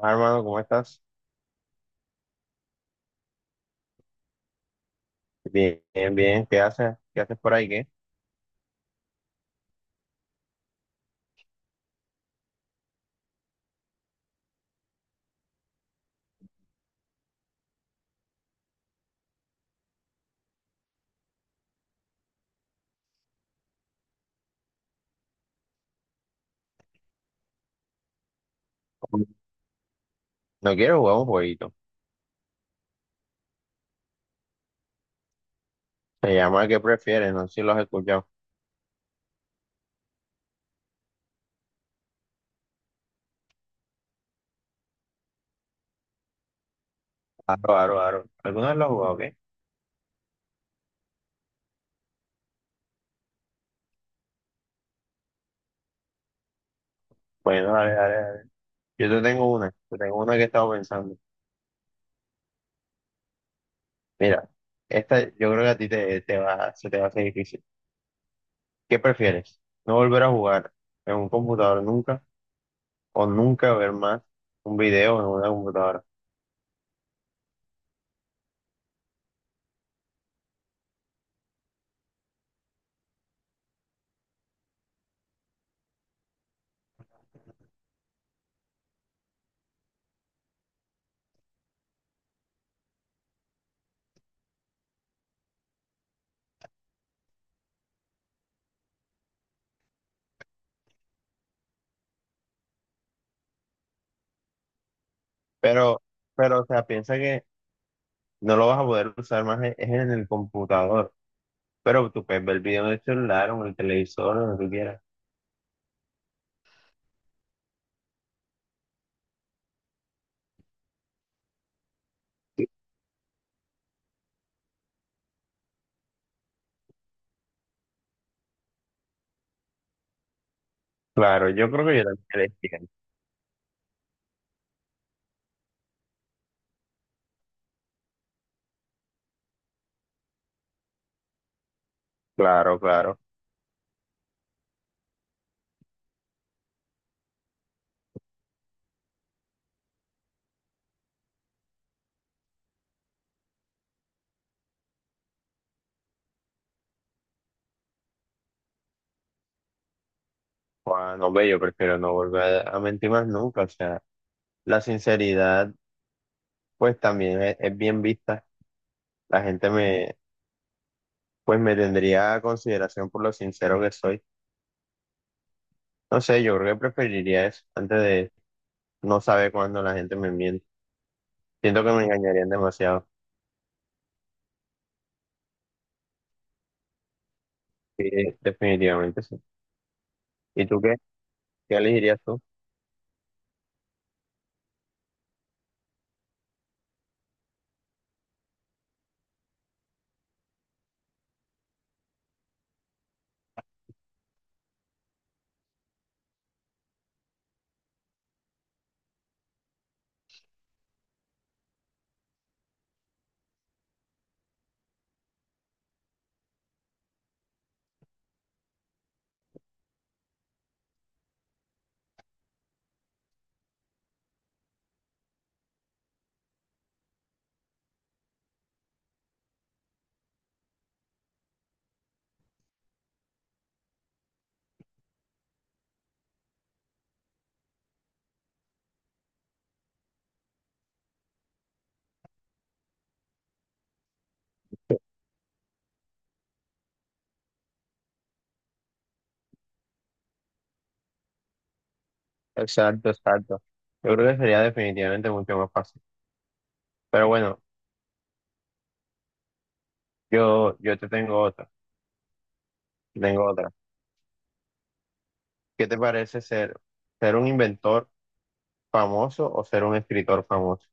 Ah, hermano, ¿cómo estás? Bien, bien, bien. ¿Qué haces? ¿Qué haces por ahí? ¿Qué? No quiero jugar un jueguito. Se llama ¿qué prefieres? No sé si lo has escuchado. Aro, aro, aro. ¿Alguna vez lo has jugado? ¿Qué? Bueno, dale, dale, dale. Yo te tengo una. Te tengo una que estaba pensando. Mira, esta yo creo que a ti te va, se te va a hacer difícil. ¿Qué prefieres? ¿No volver a jugar en un computador nunca o nunca ver más un video en una computadora? Pero, pero, o sea, piensa que no lo vas a poder usar más, es en el computador. Pero tú puedes ver el video en el celular o en el televisor, o donde tú quieras. Claro, yo creo que yo también le entiendo. Claro, claro. Juan, no ve, yo prefiero no volver a mentir más nunca. O sea, la sinceridad, pues también es bien vista. La gente me, pues me tendría a consideración por lo sincero que soy. No sé, yo creo que preferiría eso antes de no saber cuándo la gente me miente. Siento que me engañarían demasiado. Sí, definitivamente sí. ¿Y tú qué? ¿Qué elegirías tú? Exacto, exacto. Yo creo que sería definitivamente mucho más fácil. Pero bueno, yo te tengo otra, te tengo otra. ¿Qué te parece ser, ser un inventor famoso o ser un escritor famoso?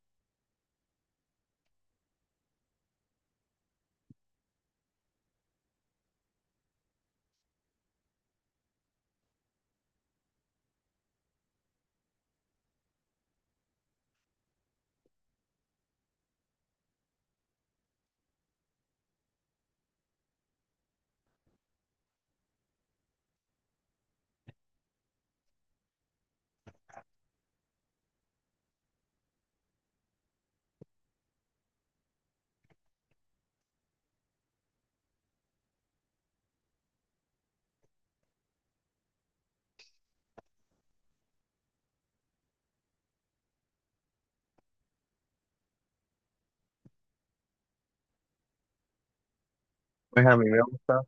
Pues a mí me gusta,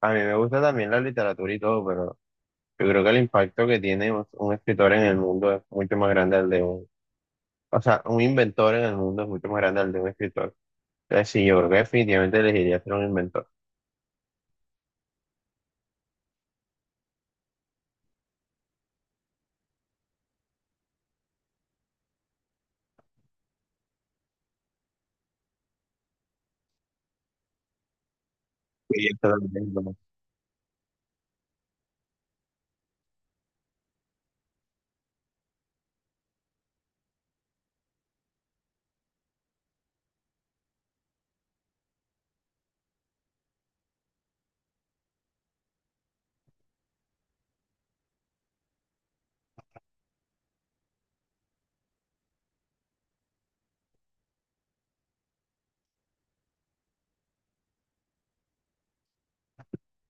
a mí me gusta también la literatura y todo, pero yo creo que el impacto que tiene un escritor en el mundo es mucho más grande al de un, o sea, un inventor en el mundo es mucho más grande al de un escritor. Entonces sí, yo creo que definitivamente elegiría ser un inventor. Sí, totalmente.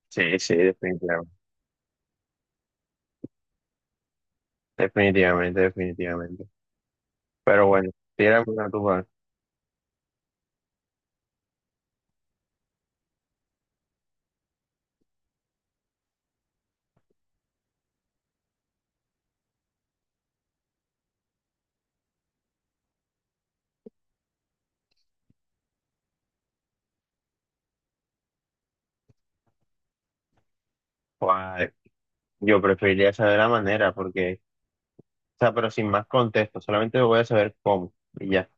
Sí, sí, definitivamente. Definitivamente, definitivamente. Pero bueno, si era una tuba, pues, yo preferiría saber la manera, porque, o sea, pero sin más contexto, solamente voy a saber cómo, y ya.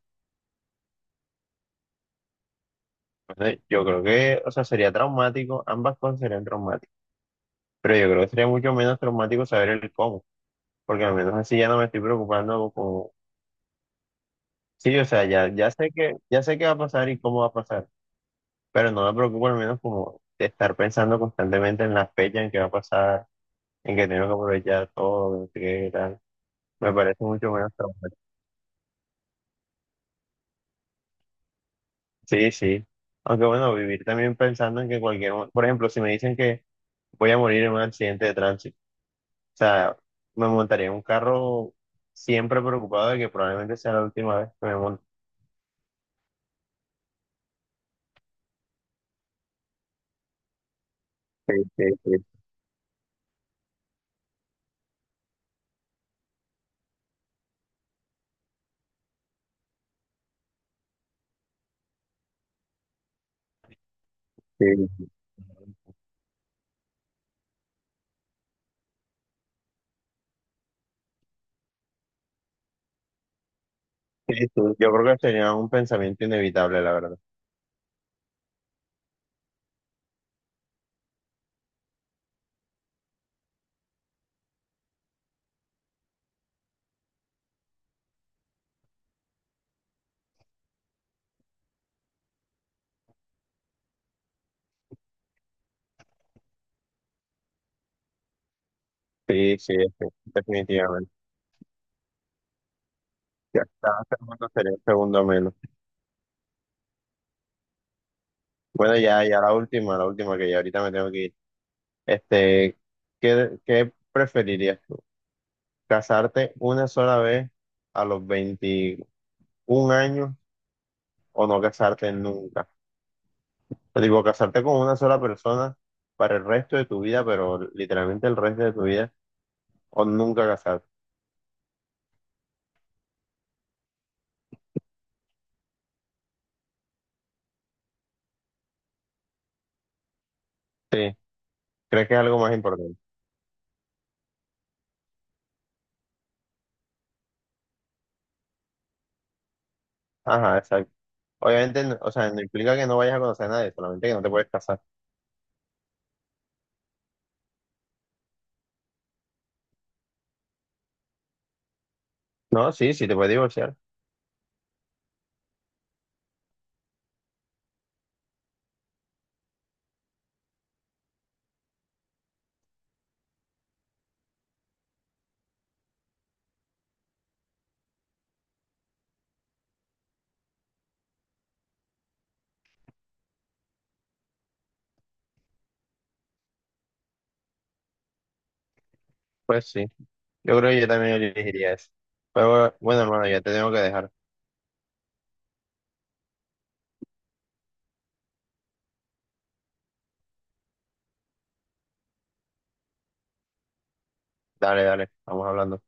Entonces, yo creo que, o sea, sería traumático, ambas cosas serían traumáticas, pero yo creo que sería mucho menos traumático saber el cómo, porque al menos así ya no me estoy preocupando como, sí, o sea, ya, ya sé que, ya sé qué va a pasar y cómo va a pasar, pero no me preocupo al menos como de estar pensando constantemente en la fecha en que va a pasar, en que tengo que aprovechar todo, en qué tal, me parece mucho menos traumático. Sí, sí. Aunque bueno, vivir también pensando en que cualquier, mo- por ejemplo, si me dicen que voy a morir en un accidente de tránsito, o sea, me montaría en un carro siempre preocupado de que probablemente sea la última vez que me monte. Sí, sí, sí, sí. Sí, sí. Yo creo que sería un pensamiento inevitable, la verdad. Sí, sí, sí, definitivamente. Ya cada segundo sería un segundo menos. Bueno, ya, ya la última que ya ahorita me tengo que ir. Este, ¿qué, qué preferirías? Casarte una sola vez a los 21 años o no casarte nunca. Te digo, casarte con una sola persona para el resto de tu vida, pero literalmente el resto de tu vida, o nunca casarte. Sí, ¿crees que es algo más importante? Ajá, exacto. Obviamente, no- o sea, no implica que no vayas a conocer a nadie, solamente que no te puedes casar. No, sí, sí, te puedes divorciar. Pues sí, yo creo que yo también elegiría eso. Pero bueno, hermano, ya te tengo que dejar. Dale, dale, vamos hablando.